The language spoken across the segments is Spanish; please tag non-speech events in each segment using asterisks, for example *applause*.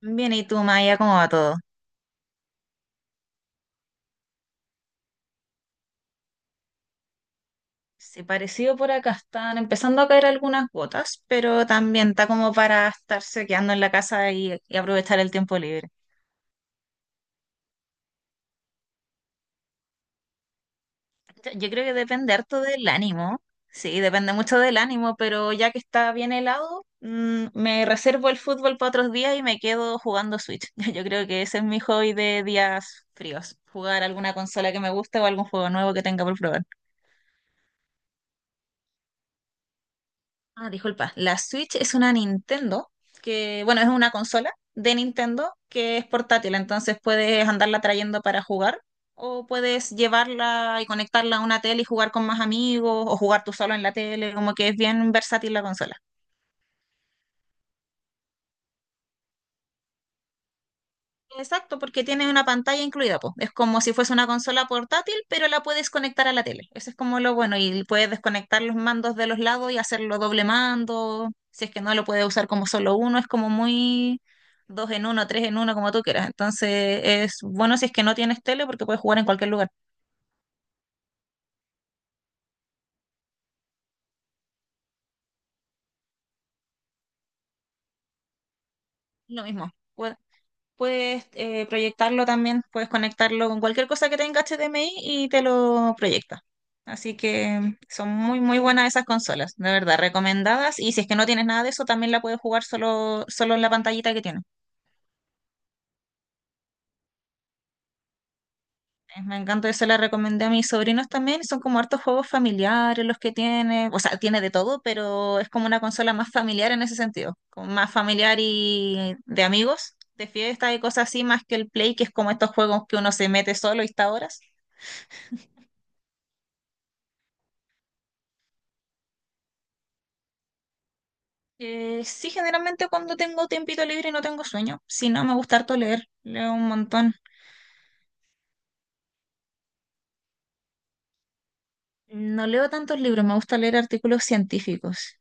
Bien, ¿y tú, Maya, cómo va todo? Sí, parecido por acá, están empezando a caer algunas gotas, pero también está como para estarse quedando en la casa y aprovechar el tiempo libre. Yo creo que depende harto del ánimo, sí, depende mucho del ánimo, pero ya que está bien helado, me reservo el fútbol para otros días y me quedo jugando Switch. *laughs* Yo creo que ese es mi hobby de días fríos, jugar alguna consola que me guste o algún juego nuevo que tenga por probar. Ah, disculpa. La Switch es una Nintendo, que bueno, es una consola de Nintendo que es portátil, entonces puedes andarla trayendo para jugar o puedes llevarla y conectarla a una tele y jugar con más amigos o jugar tú solo en la tele, como que es bien versátil la consola. Exacto, porque tiene una pantalla incluida, po. Es como si fuese una consola portátil, pero la puedes conectar a la tele. Eso es como lo bueno, y puedes desconectar los mandos de los lados y hacerlo doble mando. Si es que no lo puedes usar como solo uno, es como muy dos en uno, tres en uno, como tú quieras. Entonces es bueno si es que no tienes tele porque puedes jugar en cualquier lugar. Lo mismo. Puedes proyectarlo también, puedes conectarlo con cualquier cosa que tenga HDMI y te lo proyecta. Así que son muy, muy buenas esas consolas, de verdad, recomendadas. Y si es que no tienes nada de eso, también la puedes jugar solo, solo en la pantallita que tiene. Me encanta, eso la recomendé a mis sobrinos también. Son como hartos juegos familiares los que tiene. O sea, tiene de todo, pero es como una consola más familiar en ese sentido. Como Más familiar y de amigos, de fiesta y cosas así, más que el Play, que es como estos juegos que uno se mete solo y está horas. Sí, generalmente cuando tengo tiempito libre y no tengo sueño. Si no, me gusta harto leer. Leo un montón. No leo tantos libros, me gusta leer artículos científicos.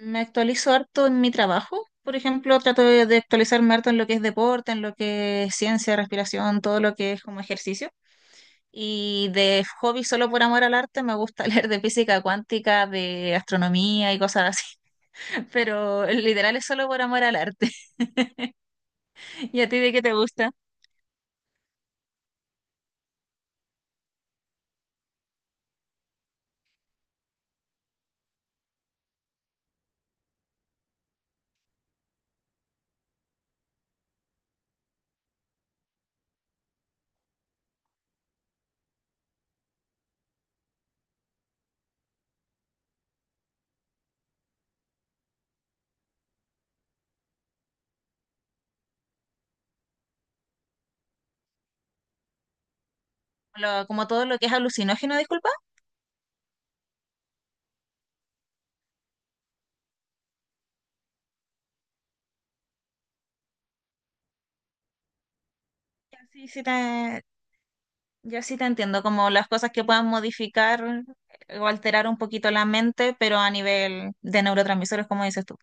Me actualizo harto en mi trabajo. Por ejemplo, trato de actualizarme harto en lo que es deporte, en lo que es ciencia, respiración, todo lo que es como ejercicio. Y de hobby, solo por amor al arte, me gusta *laughs* leer de física cuántica, de astronomía y cosas así. *laughs* Pero literal es solo por amor al arte. *laughs* ¿Y a ti de qué te gusta? Lo- como todo lo que es alucinógeno, disculpa. Sí, sí te, yo sí te entiendo, como las cosas que puedan modificar o alterar un poquito la mente, pero a nivel de neurotransmisores, como dices tú.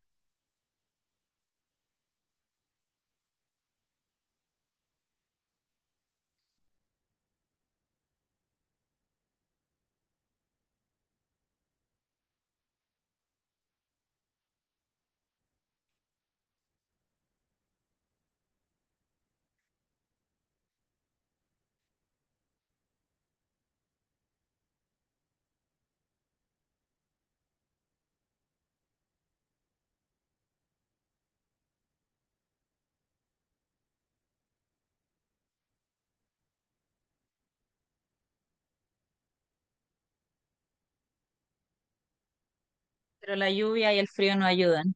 Pero la lluvia y el frío no ayudan.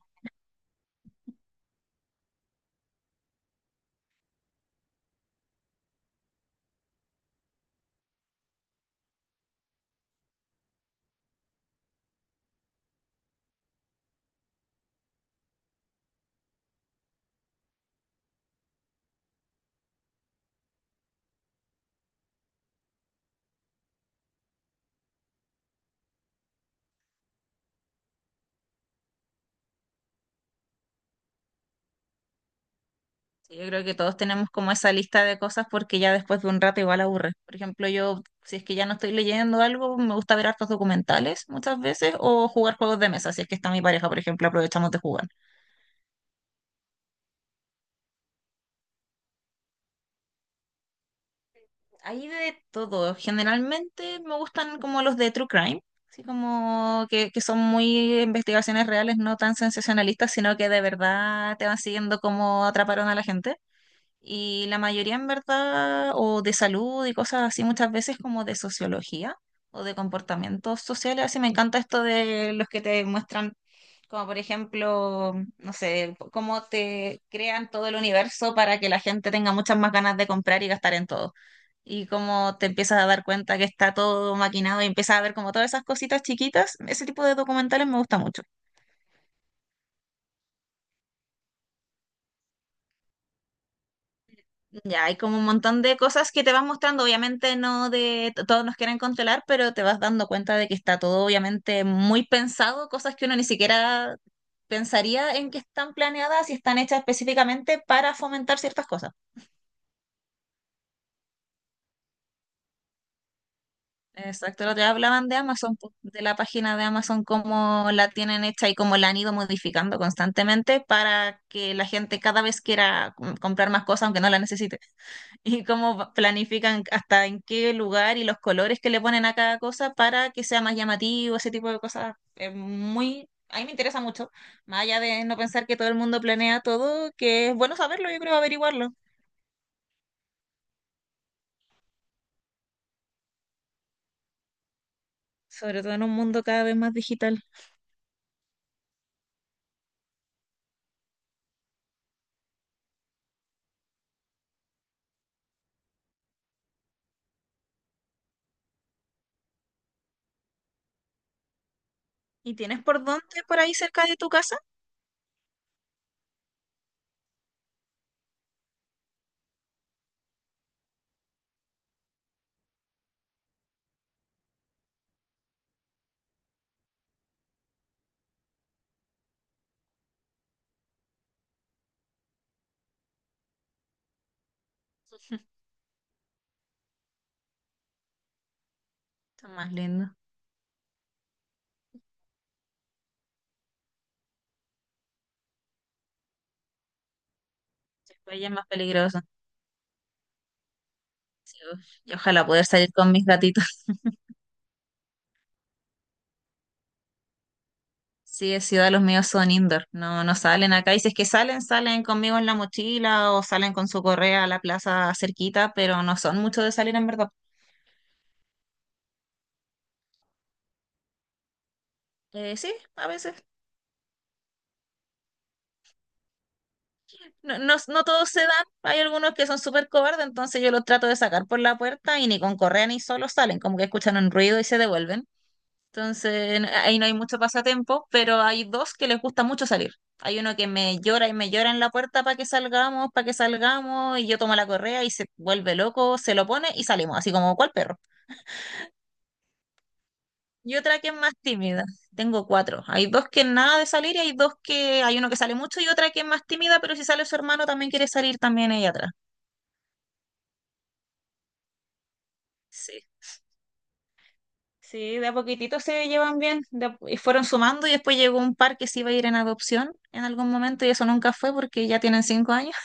Sí, yo creo que todos tenemos como esa lista de cosas porque ya después de un rato igual aburre. Por ejemplo, yo, si es que ya no estoy leyendo algo, me gusta ver hartos documentales muchas veces o jugar juegos de mesa, si es que está mi pareja, por ejemplo, aprovechamos de jugar. Hay de todo. Generalmente me gustan como los de True Crime, así como que son muy investigaciones reales, no tan sensacionalistas, sino que de verdad te van siguiendo cómo atraparon a la gente. Y la mayoría en verdad, o de salud y cosas así, muchas veces como de sociología o de comportamientos sociales. Así me encanta esto de los que te muestran como por ejemplo, no sé, cómo te crean todo el universo para que la gente tenga muchas más ganas de comprar y gastar en todo. Y cómo te empiezas a dar cuenta que está todo maquinado y empiezas a ver como todas esas cositas chiquitas. Ese tipo de documentales me gusta mucho. Ya, hay como un montón de cosas que te van mostrando. Obviamente no de t- todos nos quieren controlar, pero te vas dando cuenta de que está todo obviamente muy pensado, cosas que uno ni siquiera pensaría en que están planeadas y están hechas específicamente para fomentar ciertas cosas. Exacto, lo te hablaban de Amazon, po, de la página de Amazon, cómo la tienen hecha y cómo la han ido modificando constantemente para que la gente cada vez quiera com- comprar más cosas aunque no la necesite. *laughs* Y cómo va- planifican hasta en qué lugar y los colores que le ponen a cada cosa para que sea más llamativo, ese tipo de cosas. Es muy, a mí me interesa mucho, más allá de no pensar que todo el mundo planea todo, que es bueno saberlo, yo creo averiguarlo, sobre todo en un mundo cada vez más digital. ¿Y tienes por dónde por ahí cerca de tu casa? Está más lindo. Playa es más peligroso. Sí, uf, y ojalá poder salir con mis gatitos. *laughs* Sí, de ciudad los míos son indoor, no, no salen acá. Y si es que salen, salen conmigo en la mochila o salen con su correa a la plaza cerquita, pero no son mucho de salir en verdad. Sí, a veces. No, no, no todos se dan, hay algunos que son súper cobardes, entonces yo los trato de sacar por la puerta y ni con correa ni solo salen, como que escuchan un ruido y se devuelven. Entonces, n- ahí no hay mucho pasatiempo, pero hay dos que les gusta mucho salir. Hay uno que me llora y me llora en la puerta para que salgamos, y yo tomo la correa y se vuelve loco, se lo pone y salimos, así como cual perro. Y otra que es más tímida. Tengo cuatro. Hay dos que nada de salir y hay dos que hay uno que sale mucho y otra que es más tímida, pero si sale su hermano también quiere salir también ella atrás. Sí. Sí, de a poquitito se llevan bien de a- y fueron sumando y después llegó un par que se iba a ir en adopción en algún momento y eso nunca fue porque ya tienen 5 años.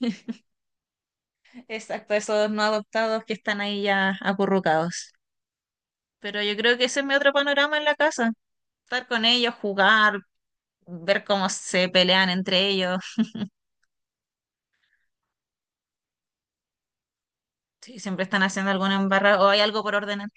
*laughs* Exacto, esos no adoptados que están ahí ya acurrucados. Pero yo creo que ese es mi otro panorama en la casa. Estar con ellos, jugar, ver cómo se pelean entre ellos, si siempre están haciendo alguna embarrada o hay algo por ordenar.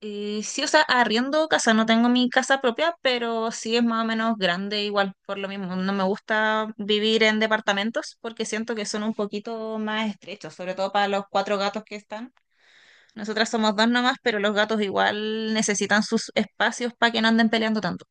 Y sí, o sea, arriendo casa, no tengo mi casa propia, pero sí es más o menos grande igual, por lo mismo. No me gusta vivir en departamentos porque siento que son un poquito más estrechos, sobre todo para los cuatro gatos que están. Nosotras somos dos nomás, pero los gatos igual necesitan sus espacios para que no anden peleando tanto.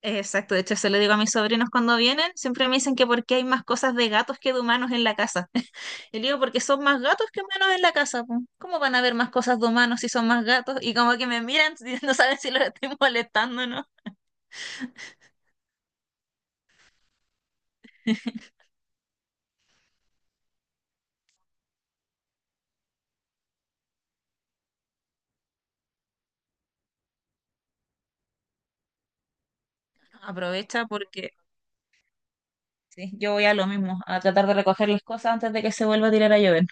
Exacto, de hecho se lo digo a mis sobrinos cuando vienen, siempre me dicen que por qué hay más cosas de gatos que de humanos en la casa. *laughs* Y le digo porque son más gatos que humanos en la casa, po. ¿Cómo van a haber más cosas de humanos si son más gatos? Y como que me miran, *laughs* si no saben si los estoy molestando o no. Aprovecha porque sí, yo voy a lo mismo, a tratar de recoger las cosas antes de que se vuelva a tirar a llover.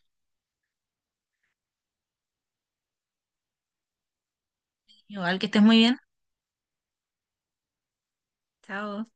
Igual que estés muy bien. Chao.